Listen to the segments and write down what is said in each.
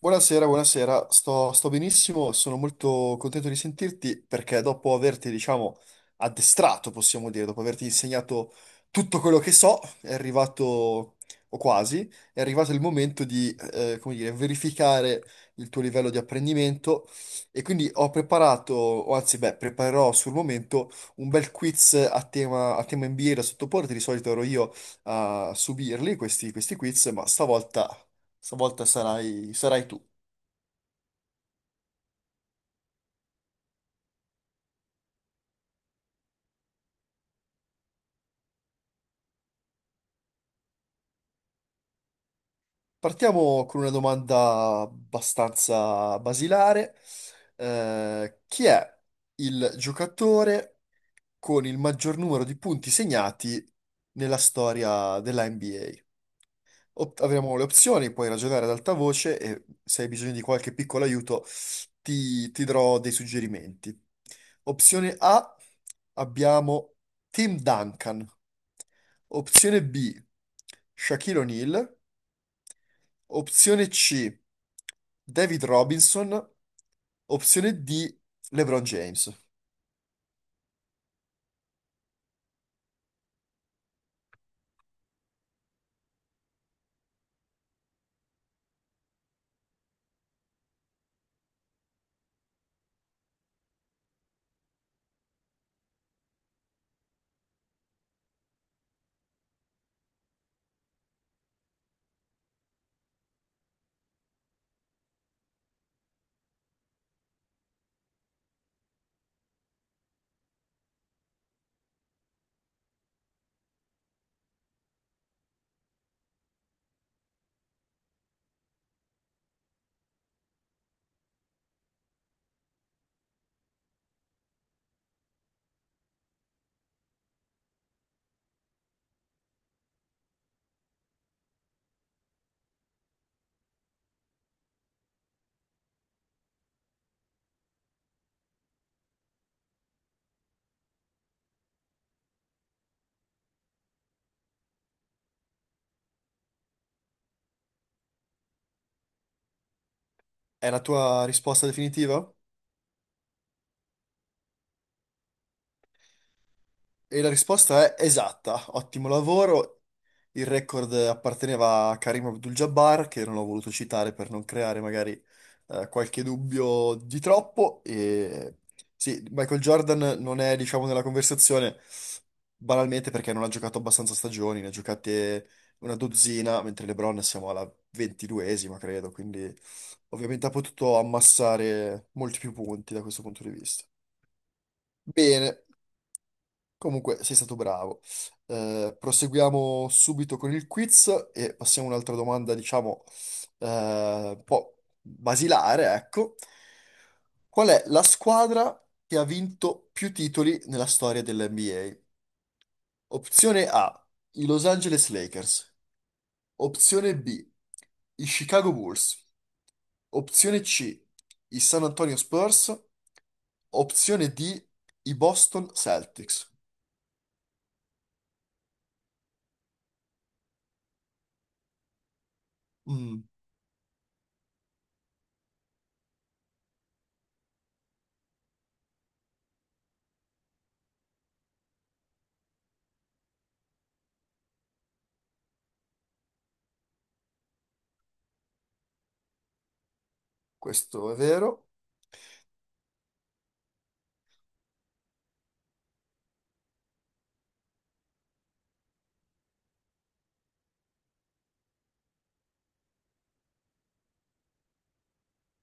Buonasera, buonasera, sto benissimo, sono molto contento di sentirti perché dopo averti, diciamo, addestrato, possiamo dire, dopo averti insegnato tutto quello che so, è arrivato, o quasi, è arrivato il momento di, come dire, verificare il tuo livello di apprendimento e quindi ho preparato, o anzi, beh, preparerò sul momento un bel quiz a tema NBA da sottoporre, di solito ero io a subirli, questi quiz, ma stavolta sarai tu. Partiamo con una domanda abbastanza basilare. Chi è il giocatore con il maggior numero di punti segnati nella storia della NBA? Avremo le opzioni, puoi ragionare ad alta voce e se hai bisogno di qualche piccolo aiuto ti darò dei suggerimenti. Opzione A, abbiamo Tim Duncan. Opzione B, Shaquille O'Neal. Opzione C, David Robinson. Opzione D, LeBron James. È la tua risposta definitiva? E la risposta è esatta, ottimo lavoro. Il record apparteneva a Karim Abdul-Jabbar, che non ho voluto citare per non creare magari qualche dubbio di troppo. E... Sì, Michael Jordan non è, diciamo, nella conversazione banalmente perché non ha giocato abbastanza stagioni, ne ha giocate una dozzina, mentre LeBron siamo alla 22ª, credo, quindi ovviamente ha potuto ammassare molti più punti da questo punto di vista. Bene. Comunque, sei stato bravo. Proseguiamo subito con il quiz e passiamo a un'altra domanda, diciamo, eh, un po' basilare, ecco. Qual è la squadra che ha vinto più titoli nella storia dell'NBA? Opzione A, i Los Angeles Lakers. Opzione B, i Chicago Bulls. Opzione C, i San Antonio Spurs. Opzione D, i Boston Celtics. Mm. Questo è vero.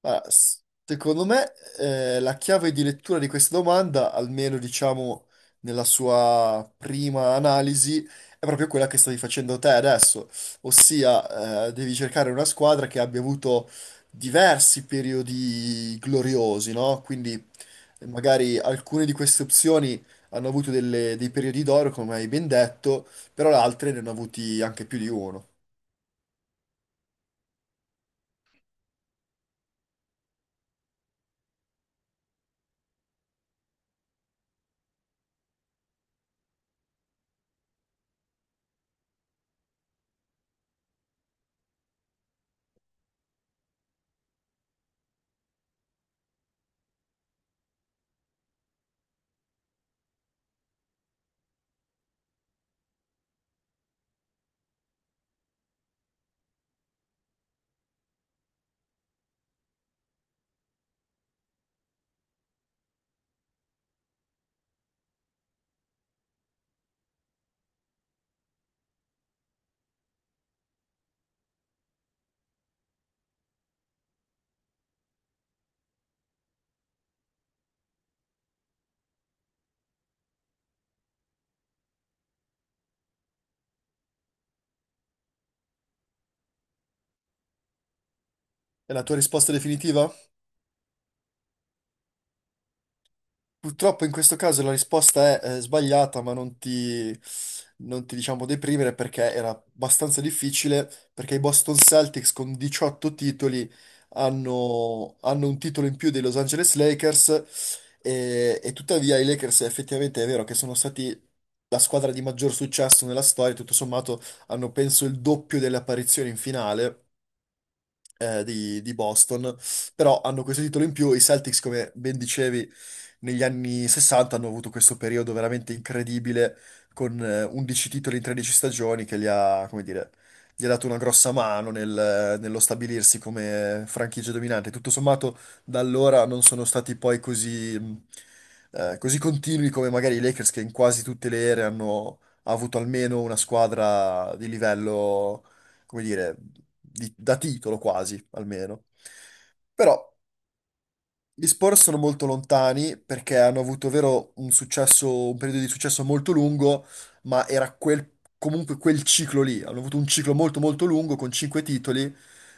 Secondo me, la chiave di lettura di questa domanda, almeno diciamo nella sua prima analisi, è proprio quella che stavi facendo te adesso, ossia, devi cercare una squadra che abbia avuto diversi periodi gloriosi, no? Quindi magari alcune di queste opzioni hanno avuto dei periodi d'oro, come hai ben detto, però le altre ne hanno avuti anche più di uno. È la tua risposta definitiva? Purtroppo in questo caso la risposta è, sbagliata, ma non ti diciamo deprimere perché era abbastanza difficile, perché i Boston Celtics con 18 titoli hanno un titolo in più dei Los Angeles Lakers e tuttavia i Lakers effettivamente è vero che sono stati la squadra di maggior successo nella storia, tutto sommato hanno penso il doppio delle apparizioni in finale di Boston, però hanno questo titolo in più. I Celtics, come ben dicevi, negli anni 60 hanno avuto questo periodo veramente incredibile con 11 titoli in 13 stagioni che gli ha, come dire, gli ha dato una grossa mano nello stabilirsi come franchigia dominante. Tutto sommato, da allora non sono stati poi così, così continui come magari i Lakers che in quasi tutte le ere ha avuto almeno una squadra di livello come dire, da titolo quasi, almeno. Però gli Spurs sono molto lontani perché hanno avuto, vero, un successo, un periodo di successo molto lungo, ma era quel, comunque quel ciclo lì. Hanno avuto un ciclo molto molto lungo con cinque titoli,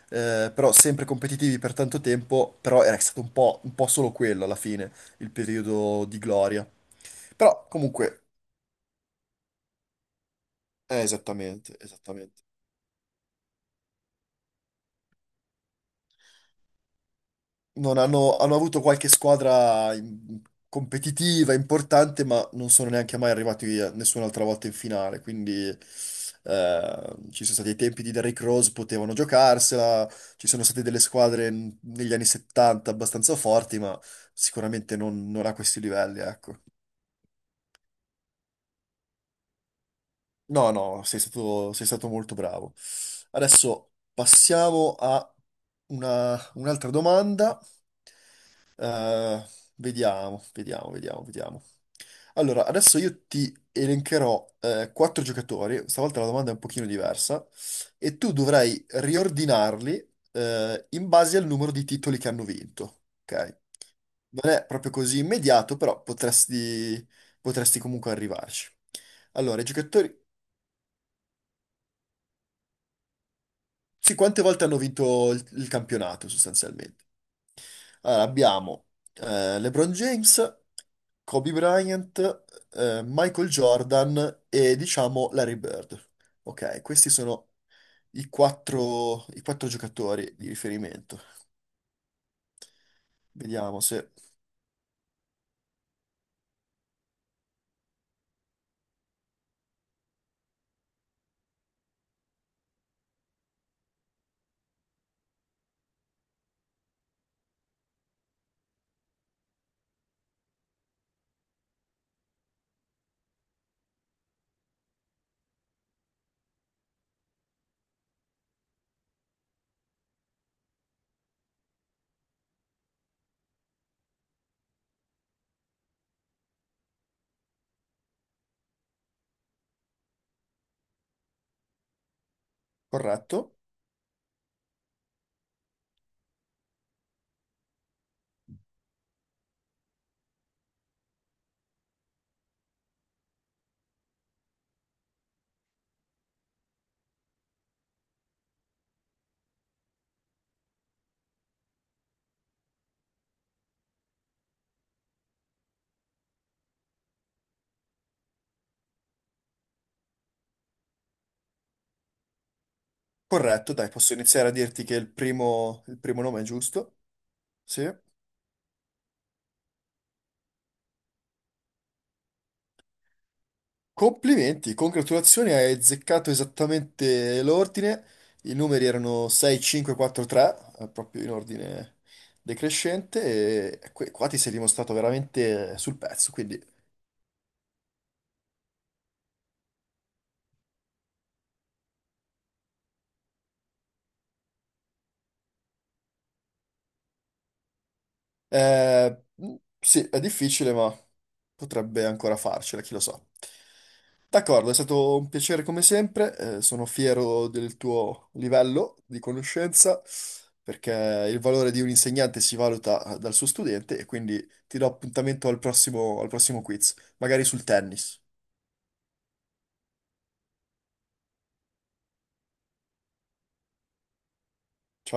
però sempre competitivi per tanto tempo, però era stato un po' solo quello alla fine, il periodo di gloria. Però comunque, esattamente, esattamente. Non hanno, hanno avuto qualche squadra competitiva, importante, ma non sono neanche mai arrivati nessun'altra volta in finale. Quindi ci sono stati i tempi di Derrick Rose, potevano giocarsela, ci sono state delle squadre negli anni 70 abbastanza forti, ma sicuramente non a questi livelli, ecco. No, no, sei stato molto bravo. Adesso passiamo a un'altra domanda. Eh, vediamo. Allora, adesso io ti elencherò quattro giocatori, stavolta la domanda è un pochino diversa, e tu dovrai riordinarli in base al numero di titoli che hanno vinto, ok? Non è proprio così immediato, però potresti comunque arrivarci. Allora, i giocatori sì, quante volte hanno vinto il campionato sostanzialmente? Allora, abbiamo LeBron James, Kobe Bryant, Michael Jordan e diciamo Larry Bird. Ok, questi sono i quattro giocatori di riferimento. Vediamo se... Corretto? Corretto, dai, posso iniziare a dirti che il primo nome è giusto. Sì. Complimenti, congratulazioni, hai azzeccato esattamente l'ordine. I numeri erano 6, 5, 4, 3, proprio in ordine decrescente, e qua ti sei dimostrato veramente sul pezzo, quindi Eh, sì, è difficile, ma potrebbe ancora farcela, chi lo sa. D'accordo, è stato un piacere come sempre, sono fiero del tuo livello di conoscenza, perché il valore di un insegnante si valuta dal suo studente e quindi ti do appuntamento al prossimo quiz, magari sul tennis. Ciao.